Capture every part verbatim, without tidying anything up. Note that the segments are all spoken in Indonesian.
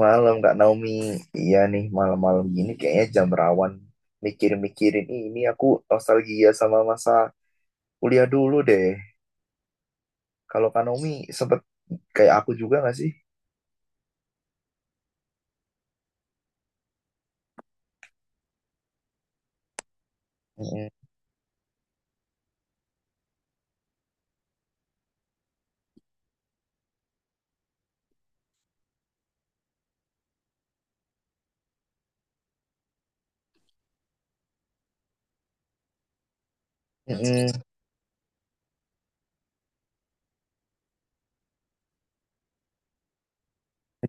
Malam Kak Naomi, iya nih malam-malam gini kayaknya jam rawan mikir-mikirin "Ih, ini aku nostalgia sama masa kuliah dulu deh." Kalau Kak Naomi sempet kayak aku juga nggak sih? Mm-mm. Mm-mm.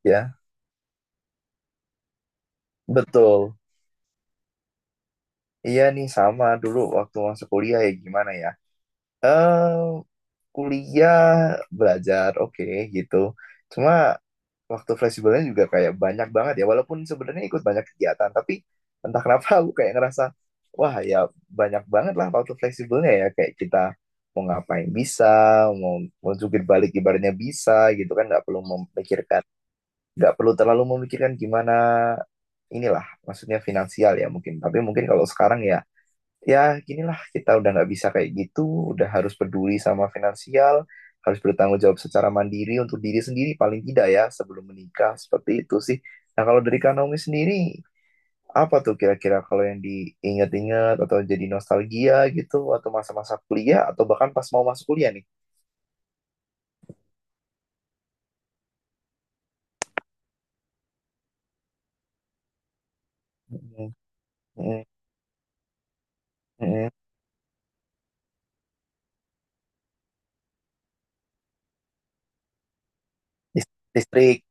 Ya, betul. Iya nih sama dulu waktu masa kuliah ya gimana ya? Eh Kuliah belajar oke gitu. Cuma waktu fleksibelnya juga kayak banyak banget ya, walaupun sebenarnya ikut banyak kegiatan, tapi entah kenapa aku kayak ngerasa wah ya banyak banget lah waktu fleksibelnya ya, kayak kita mau ngapain bisa, mau mau jungkir balik ibaratnya bisa gitu kan, nggak perlu memikirkan nggak perlu terlalu memikirkan gimana inilah maksudnya finansial ya mungkin. Tapi mungkin kalau sekarang ya ya ginilah, kita udah nggak bisa kayak gitu, udah harus peduli sama finansial, harus bertanggung jawab secara mandiri untuk diri sendiri paling tidak ya sebelum menikah seperti itu sih. Nah, kalau dari Kak Naomi sendiri apa tuh kira-kira kalau yang diingat-ingat atau jadi nostalgia gitu, atau masa-masa kuliah atau bahkan pas mau masuk kuliah nih? Mm. Mm. Mm. dis- Distrik.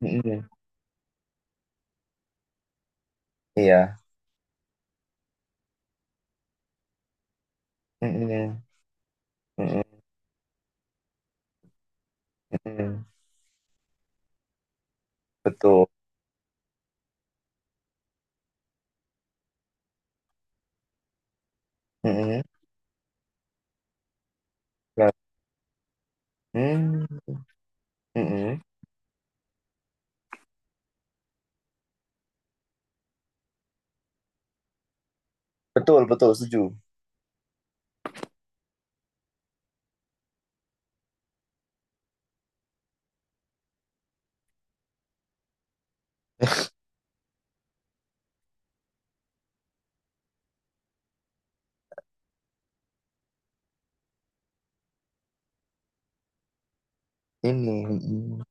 Mm. Iya. Mm. Mm. Mm. Betul. Mm. Mm. Mm. Mm. Betul betul setuju. Ini mm,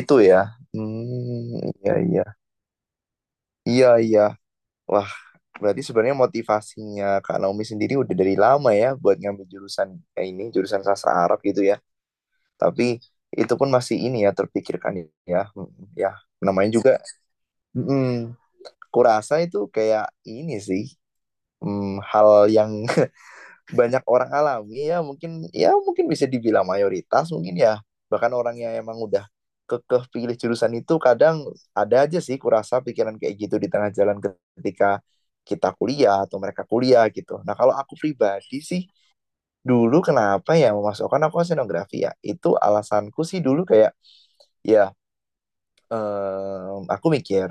itu ya. Hmm, iya iya. Iya iya. Wah, berarti sebenarnya motivasinya Kak Naomi sendiri udah dari lama ya buat ngambil jurusan kayak ini, jurusan sastra Arab gitu ya. Tapi itu pun masih ini ya, terpikirkan ya. Mm. Ya, namanya juga mm, kurasa itu kayak ini sih mm, hal yang banyak orang alami ya, mungkin ya, mungkin bisa dibilang mayoritas mungkin ya. Bahkan orang yang emang udah kekeh pilih jurusan itu kadang ada aja sih kurasa pikiran kayak gitu di tengah jalan ketika kita kuliah atau mereka kuliah gitu. Nah, kalau aku pribadi sih dulu kenapa ya memasukkan aku ke senografi ya, itu alasanku sih dulu kayak ya em, aku mikir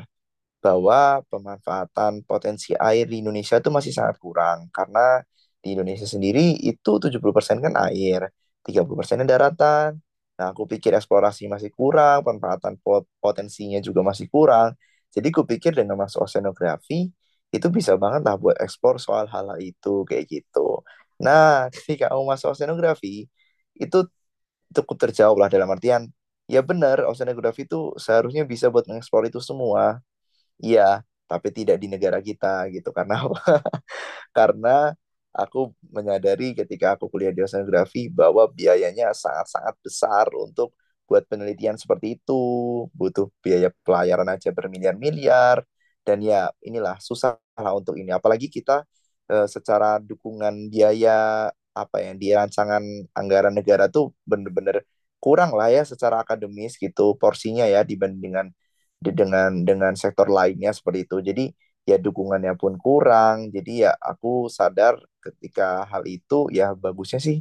bahwa pemanfaatan potensi air di Indonesia itu masih sangat kurang, karena di Indonesia sendiri itu tujuh puluh persen kan air, tiga puluh persen daratan. Nah, aku pikir eksplorasi masih kurang, pemanfaatan pot- potensinya juga masih kurang. Jadi aku pikir dengan masuk oceanografi itu bisa banget lah buat eksplor soal hal-hal itu kayak gitu. Nah, ketika kamu masuk oceanografi itu cukup terjawab lah, dalam artian ya benar oceanografi itu seharusnya bisa buat mengeksplor itu semua, iya, tapi tidak di negara kita gitu. Karena apa? Karena aku menyadari ketika aku kuliah di oceanografi bahwa biayanya sangat-sangat besar untuk buat penelitian seperti itu, butuh biaya pelayaran aja bermiliar-miliar, dan ya inilah susah lah untuk ini. Apalagi kita eh, secara dukungan biaya apa yang di rancangan anggaran negara tuh bener-bener kurang lah ya secara akademis gitu porsinya ya, dibanding dengan dengan dengan sektor lainnya seperti itu. Jadi ya dukungannya pun kurang. Jadi ya aku sadar ketika hal itu ya bagusnya sih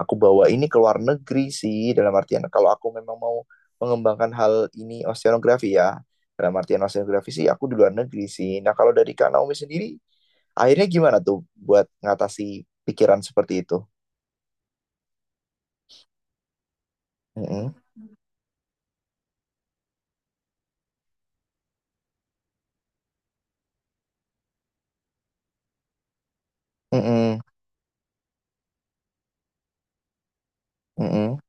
aku bawa ini ke luar negeri sih, dalam artian kalau aku memang mau mengembangkan hal ini, oceanografi ya. Dalam artian oceanografi sih aku di luar negeri sih. Nah, kalau dari Kak Naomi sendiri akhirnya gimana tuh buat ngatasi pikiran seperti itu? Mm-mm, mm-mm, mm-mm,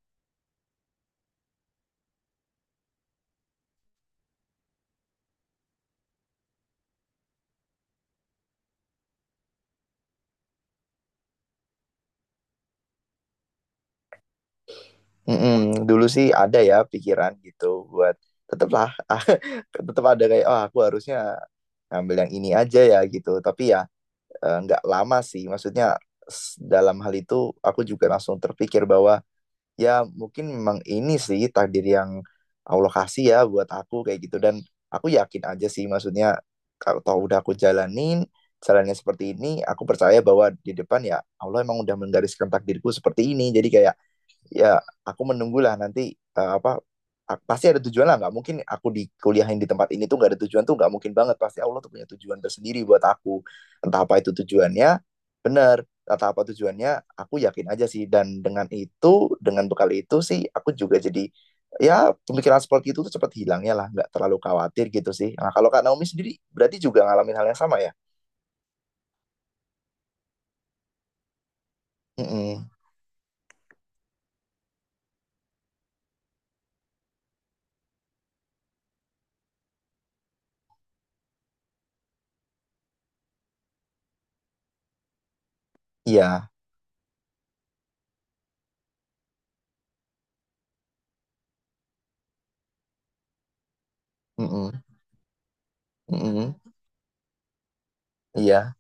mm-mm. Dulu sih ada ya pikiran gitu buat tetaplah, tetap ada kayak oh aku harusnya ngambil yang ini aja ya gitu. Tapi ya eh, nggak lama sih, maksudnya s- dalam hal itu aku juga langsung terpikir bahwa ya mungkin memang ini sih takdir yang Allah kasih ya buat aku kayak gitu. Dan aku yakin aja sih maksudnya kalau tau udah aku jalanin jalannya seperti ini, aku percaya bahwa di depan ya Allah emang udah menggariskan takdirku seperti ini. Jadi kayak ya aku menunggulah nanti eh, apa a- pasti ada tujuan lah, nggak mungkin aku di kuliahin di tempat ini tuh nggak ada tujuan, tuh nggak mungkin banget, pasti Allah tuh punya tujuan tersendiri buat aku entah apa itu tujuannya. Bener, entah apa tujuannya, aku yakin aja sih. Dan dengan itu, dengan bekal itu sih, aku juga jadi ya pemikiran seperti itu tuh cepat hilangnya lah, nggak terlalu khawatir gitu sih. Nah, kalau Kak Naomi sendiri berarti juga ngalamin hal yang sama ya. Mm-mm. Iya. Mm-mm. Mm-mm. Iya.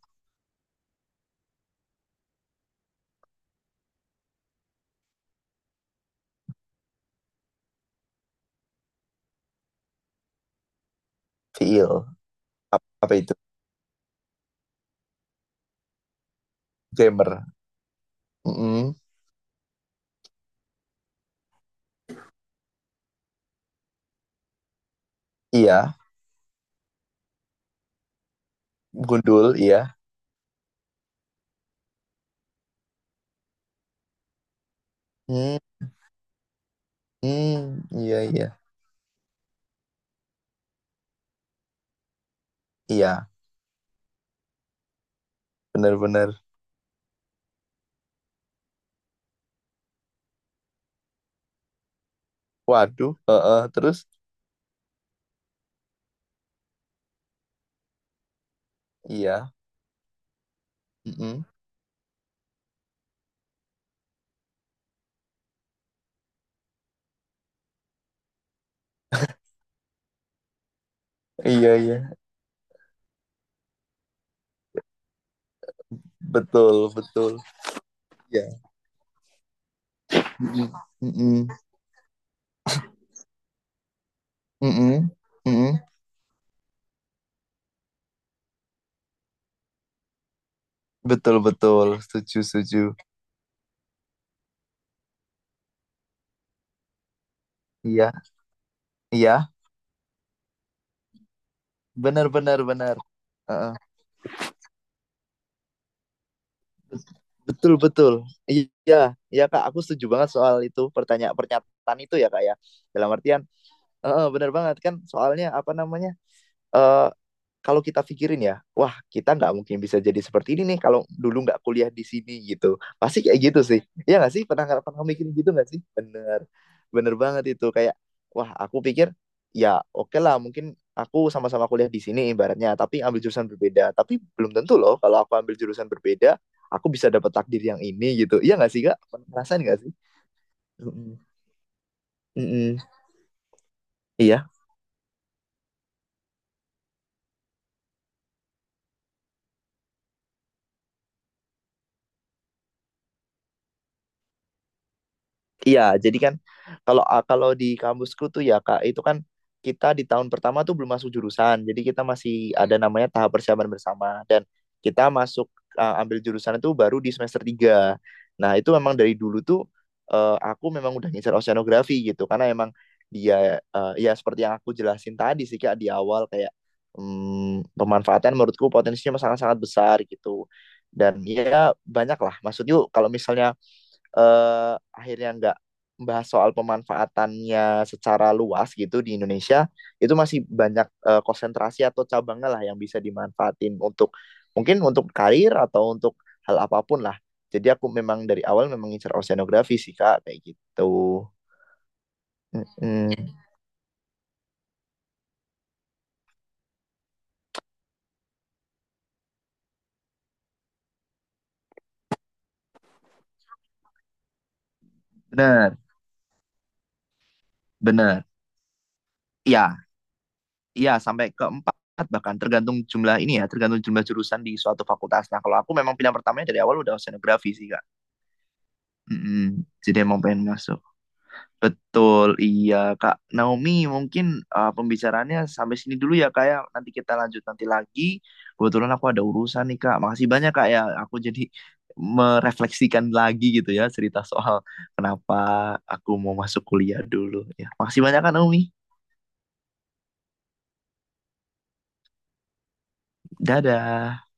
Feel. Ap- apa itu gamer? Mm-mm. Iya, gundul, iya. Hmm, hmm, iya, iya. Iya, benar-benar. Waduh, heeh, terus iya. Mm-mm. Iya, iya. Betul, betul. Iya. Mm-mm, mm-mm, mm-mm, mm-mm. Betul, betul. Setuju, setuju. Iya, iya. Benar, benar, benar. Heeh. Betul, betul. Iya, iya Kak, aku setuju banget soal itu, pertanyaan pernyataan itu ya Kak ya. Dalam artian, heeh, benar banget kan, soalnya apa namanya? eh, Kalau kita pikirin ya, wah kita nggak mungkin bisa jadi seperti ini nih kalau dulu nggak kuliah di sini gitu. Pasti kayak gitu sih. Iya nggak sih? Pernah nggak, pernah mikirin gitu nggak sih? Bener, bener banget itu. Kayak, wah aku pikir ya oke lah mungkin aku sama-sama kuliah di sini ibaratnya, tapi ambil jurusan berbeda. Tapi belum tentu loh kalau aku ambil jurusan berbeda, aku bisa dapat takdir yang ini gitu. Iya nggak sih Kak? Pernah ngerasain nggak sih? Mm-mm. Mm-mm. Iya. Iya, jadi kan kalau ah, kalau di kampusku tuh ya Kak, itu kan kita di tahun pertama tuh belum masuk jurusan. Jadi kita masih ada namanya tahap persiapan bersama, dan kita masuk uh, ambil jurusan itu baru di semester tiga. Nah, itu memang dari dulu tuh uh, aku memang udah ngincer oceanografi gitu, karena emang dia uh, ya seperti yang aku jelasin tadi sih Kak di awal, kayak mm, pemanfaatan menurutku potensinya sangat-sangat besar gitu. Dan ya banyak lah. Maksudnya kalau misalnya eh, akhirnya nggak membahas soal pemanfaatannya secara luas gitu di Indonesia, itu masih banyak eh, konsentrasi atau cabangnya lah yang bisa dimanfaatin untuk mungkin untuk karir atau untuk hal apapun lah. Jadi aku memang dari awal memang ngincer oceanografi sih Kak, kayak gitu. Mm-mm. Benar, benar. Ya, ya sampai keempat bahkan, tergantung jumlah ini ya, tergantung jumlah jurusan di suatu fakultas. Nah, kalau aku memang pilihan pertamanya dari awal udah oceanografi sih Kak. Mm-mm. Jadi emang pengen masuk. Betul, iya Kak Naomi. Mungkin uh, pembicaraannya sampai sini dulu ya Kak ya. Nanti kita lanjut nanti lagi. Kebetulan aku ada urusan nih Kak. Makasih banyak Kak ya. Aku jadi merefleksikan lagi gitu ya, cerita soal kenapa aku mau masuk kuliah dulu. Ya, makasih banyak Kak Naomi. Dadah.